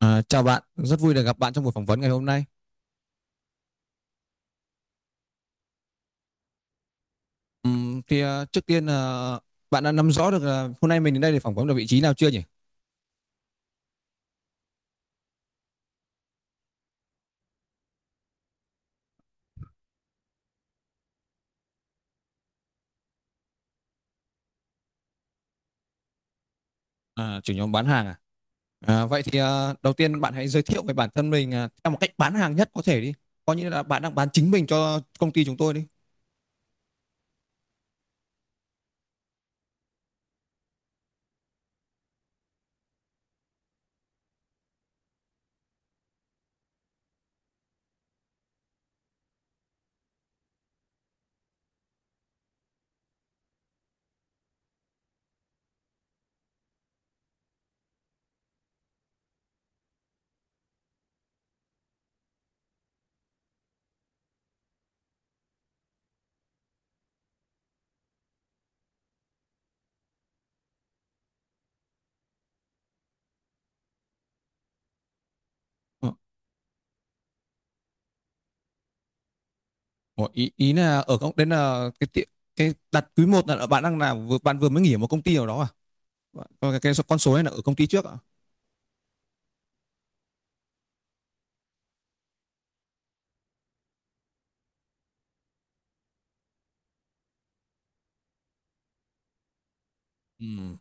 Chào bạn, rất vui được gặp bạn trong buổi phỏng vấn ngày hôm nay. Trước tiên là bạn đã nắm rõ được là hôm nay mình đến đây để phỏng vấn được vị trí nào chưa nhỉ? Chủ nhóm bán hàng à? Vậy thì đầu tiên bạn hãy giới thiệu về bản thân mình, theo một cách bán hàng nhất có thể đi. Coi như là bạn đang bán chính mình cho công ty chúng tôi đi. Ờ, ờ, ý ý là ở công đến là cái tiệm cái đặt quý một là bạn đang làm vừa bạn vừa mới nghỉ ở một công ty nào đó à? Còn cái số- con số này là ở công ty trước à? Ừ,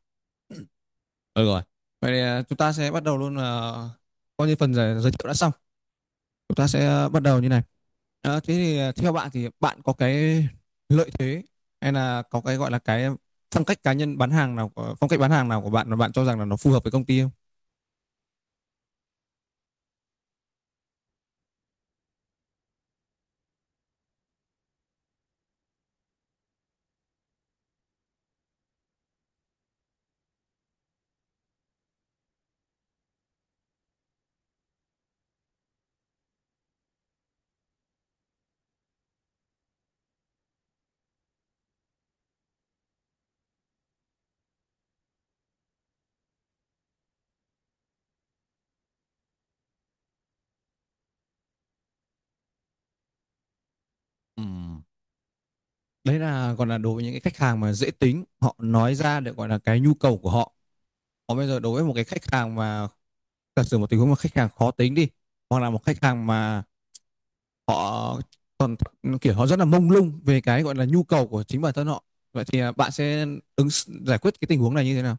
được rồi. Vậy thì chúng ta sẽ bắt đầu luôn là coi như phần giới giới thiệu đã xong. Chúng ta sẽ bắt đầu như này. Theo bạn thì bạn có cái lợi thế hay là có cái gọi là cái phong cách cá nhân bán hàng nào, phong cách bán hàng nào của bạn mà bạn cho rằng là nó phù hợp với công ty không? Ừm, Đấy là còn là đối với những cái khách hàng mà dễ tính họ nói ra được gọi là cái nhu cầu của họ, còn bây giờ đối với một cái khách hàng mà giả sử một tình huống mà khách hàng khó tính đi, hoặc là một khách hàng mà họ còn kiểu họ rất là mông lung về cái gọi là nhu cầu của chính bản thân họ, vậy thì bạn sẽ ứng giải quyết cái tình huống này như thế nào?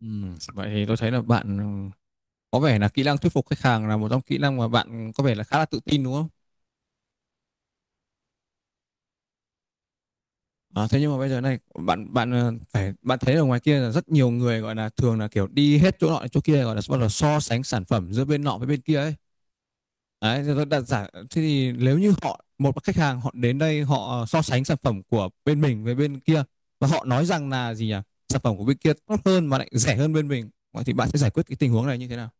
Vậy thì tôi thấy là bạn có vẻ là kỹ năng thuyết phục khách hàng là một trong kỹ năng mà bạn có vẻ là khá là tự tin đúng không? À, thế nhưng mà bây giờ này bạn bạn phải bạn thấy ở ngoài kia là rất nhiều người gọi là thường là kiểu đi hết chỗ nọ đến chỗ kia gọi là bắt đầu so sánh sản phẩm giữa bên nọ với bên kia ấy. Đấy, thì tôi đặt giả thế thì nếu như họ một khách hàng họ đến đây họ so sánh sản phẩm của bên mình với bên kia và họ nói rằng là gì nhỉ? Sản phẩm của bên kia tốt hơn mà lại rẻ hơn bên mình. Vậy thì bạn sẽ giải quyết cái tình huống này như thế nào?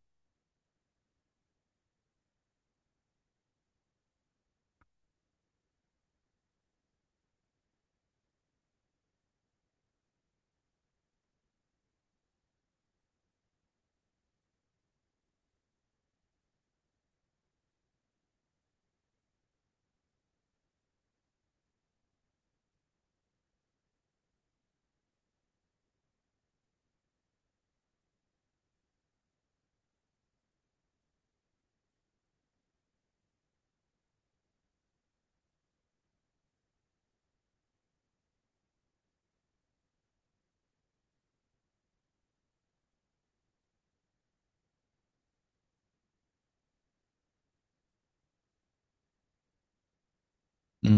Ừ.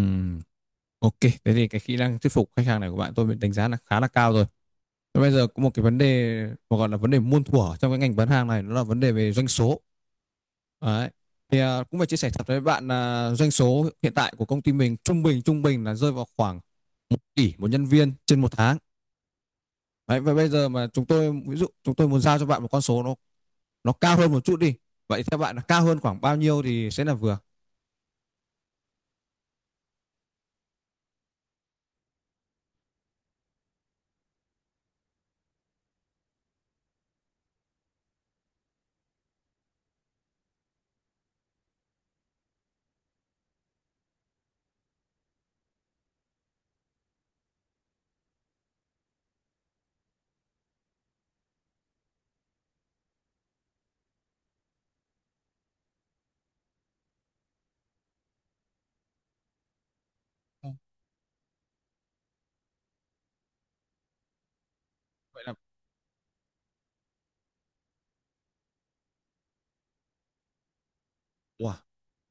Ok, thế thì cái kỹ năng thuyết phục khách hàng này của bạn tôi đánh giá là khá là cao rồi. Thế bây giờ có một cái vấn đề mà gọi là vấn đề muôn thuở trong cái ngành bán hàng này, nó là vấn đề về doanh số. Đấy. Thì cũng phải chia sẻ thật với bạn là doanh số hiện tại của công ty mình trung bình là rơi vào khoảng 1 tỷ 1 nhân viên trên 1 tháng. Đấy, và bây giờ mà chúng tôi ví dụ chúng tôi muốn giao cho bạn một con số nó cao hơn một chút đi. Vậy theo bạn là cao hơn khoảng bao nhiêu thì sẽ là vừa? Vậy là wow,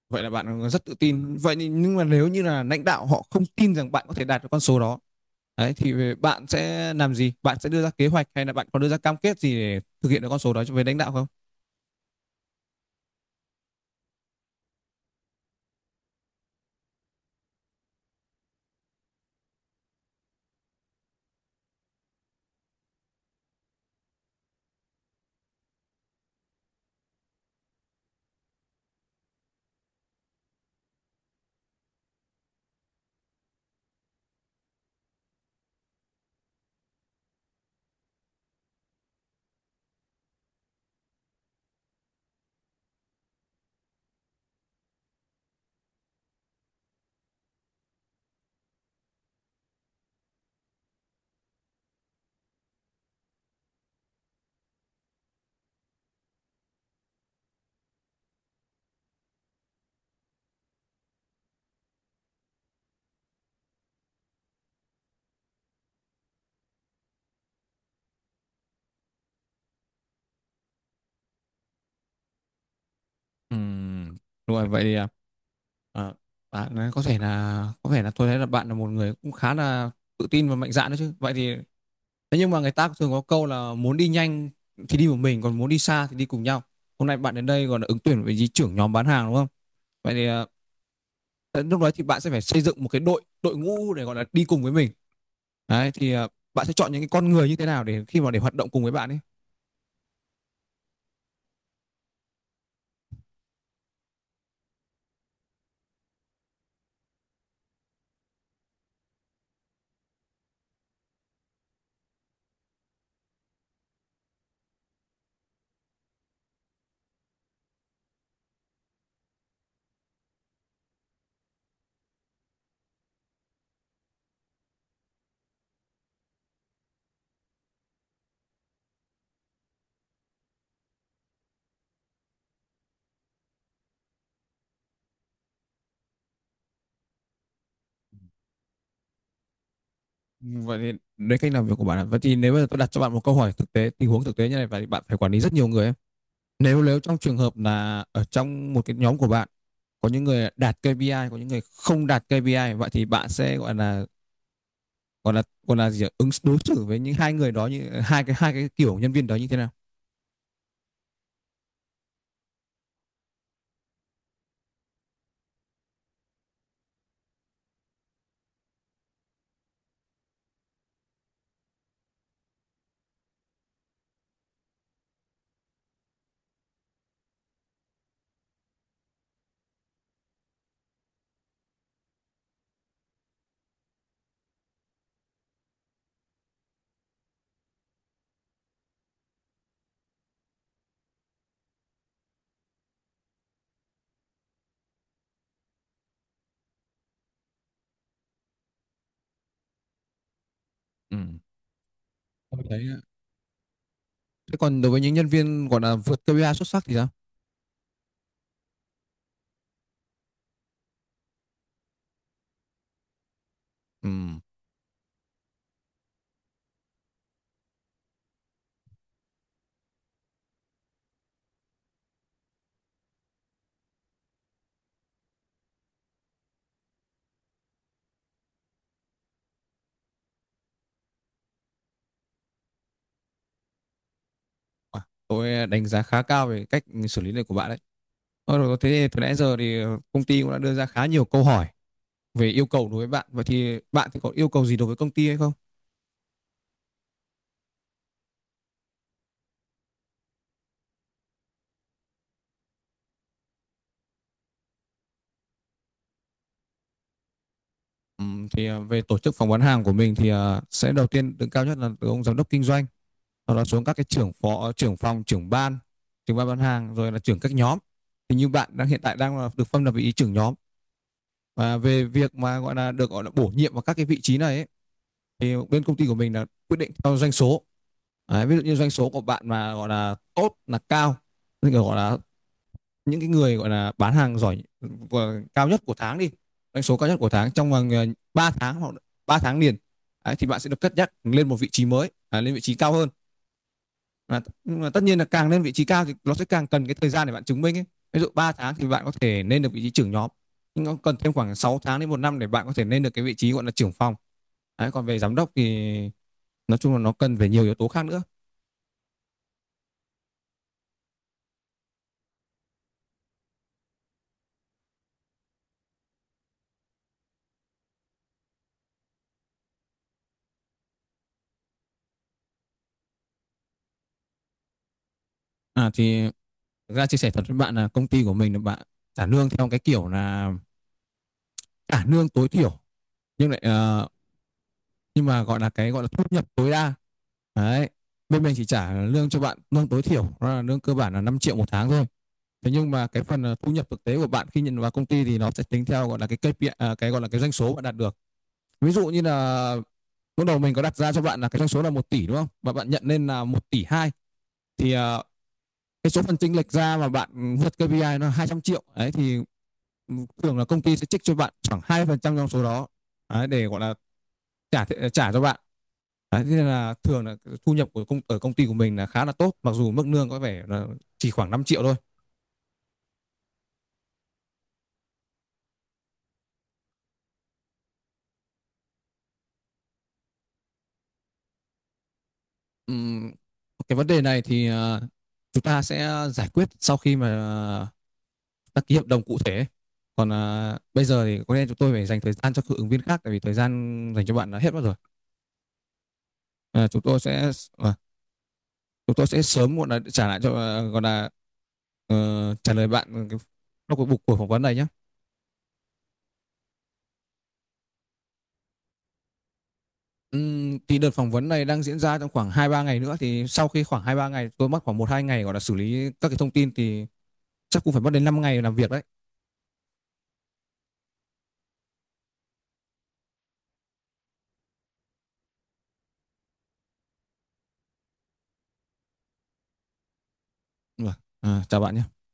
vậy là bạn rất tự tin. Vậy nhưng mà nếu như là lãnh đạo họ không tin rằng bạn có thể đạt được con số đó, đấy thì bạn sẽ làm gì? Bạn sẽ đưa ra kế hoạch hay là bạn có đưa ra cam kết gì để thực hiện được con số đó với lãnh đạo không? Ừm, đúng rồi, vậy thì à, bạn có thể là có vẻ là tôi thấy là bạn là một người cũng khá là tự tin và mạnh dạn đấy chứ. Vậy thì Thế nhưng mà người ta thường có câu là muốn đi nhanh thì đi một mình, còn muốn đi xa thì đi cùng nhau. Hôm nay bạn đến đây còn là ứng tuyển với gì trưởng nhóm bán hàng đúng không? Vậy thì đến lúc đó thì bạn sẽ phải xây dựng một cái đội đội ngũ để gọi là đi cùng với mình, đấy thì bạn sẽ chọn những cái con người như thế nào để khi mà để hoạt động cùng với bạn ấy? Ừ, vậy thì đấy cách làm việc của bạn ạ. Vậy thì nếu bây giờ tôi đặt cho bạn một câu hỏi thực tế, tình huống thực tế như này và bạn phải quản lý rất nhiều người ấy. Nếu nếu trong trường hợp là ở trong một cái nhóm của bạn có những người đạt KPI, có những người không đạt KPI, vậy thì bạn sẽ gọi là gì ạ? Đối xử với những hai người đó như hai cái kiểu nhân viên đó như thế nào? Ừ. Tôi thấy thế còn đối với những nhân viên gọi là vượt KPI xuất sắc thì sao? Ừm, à, tôi đánh giá khá cao về cách xử lý này của bạn đấy. Rồi, thế từ nãy giờ thì công ty cũng đã đưa ra khá nhiều câu hỏi về yêu cầu đối với bạn. Vậy thì bạn thì có yêu cầu gì đối với công ty hay không? Thì về tổ chức phỏng vấn hàng của mình thì sẽ đầu tiên đứng cao nhất là từ ông giám đốc kinh doanh, sau đó xuống các cái trưởng phó, trưởng phòng, trưởng ban bán hàng, rồi là trưởng các nhóm. Thì như bạn đang hiện tại đang là được phân là vị trí trưởng nhóm, và về việc mà gọi là được gọi là bổ nhiệm vào các cái vị trí này ấy, thì bên công ty của mình là quyết định theo doanh số. Đấy, ví dụ như doanh số của bạn mà gọi là tốt là cao, tức là gọi là những cái người gọi là bán hàng giỏi, cao nhất của tháng đi, doanh số cao nhất của tháng trong vòng 3 tháng hoặc 3 tháng liền. Đấy, thì bạn sẽ được cất nhắc lên một vị trí mới, à, lên vị trí cao hơn. À, nhưng mà tất nhiên là càng lên vị trí cao thì nó sẽ càng cần cái thời gian để bạn chứng minh ấy. Ví dụ 3 tháng thì bạn có thể lên được vị trí trưởng nhóm, nhưng nó cần thêm khoảng 6 tháng đến 1 năm để bạn có thể lên được cái vị trí gọi là trưởng phòng. Đấy, còn về giám đốc thì nói chung là nó cần về nhiều yếu tố khác nữa. À thì ra chia sẻ thật với bạn là công ty của mình là bạn trả lương theo cái kiểu là trả lương tối thiểu, nhưng lại ờ, nhưng mà gọi là cái gọi là thu nhập tối đa. Đấy, bên mình chỉ trả lương cho bạn lương tối thiểu, đó là lương cơ bản là 5 triệu/tháng thôi. Thế nhưng mà cái phần thu nhập thực tế của bạn khi nhận vào công ty thì nó sẽ tính theo gọi là cái KPI, à, cái gọi là cái doanh số bạn đạt được. Ví dụ như là lúc đầu mình có đặt ra cho bạn là cái doanh số là 1 tỷ đúng không, và bạn nhận lên là 1,2 tỷ, thì cái số phần chênh lệch ra mà bạn vượt KPI nó 200 triệu, đấy thì thường là công ty sẽ trích cho bạn khoảng 2% trong số đó, đấy, để gọi là trả trả cho bạn. Đấy, thế nên là thường là thu nhập của ở công ty của mình là khá là tốt mặc dù mức lương có vẻ là chỉ khoảng 5 triệu thôi. Ừm, cái vấn đề này thì chúng ta sẽ giải quyết sau khi mà uh, ta ký hợp đồng cụ thể. Còn bây giờ thì có lẽ chúng tôi phải dành thời gian cho các ứng viên khác tại vì thời gian dành cho bạn đã hết mất rồi. à, chúng tôi sẽ à, Chúng tôi sẽ sớm muộn là trả lại cho gọi là trả lời bạn cái- trong cuộc buộc của phỏng vấn này nhé. Thì đợt phỏng vấn này đang diễn ra trong khoảng hai ba ngày nữa thì sau khi khoảng hai ba ngày tôi mất khoảng một hai ngày gọi là xử lý các cái thông tin thì chắc cũng phải mất đến 5 ngày làm việc đấy. Ừ. À, chào bạn nhé.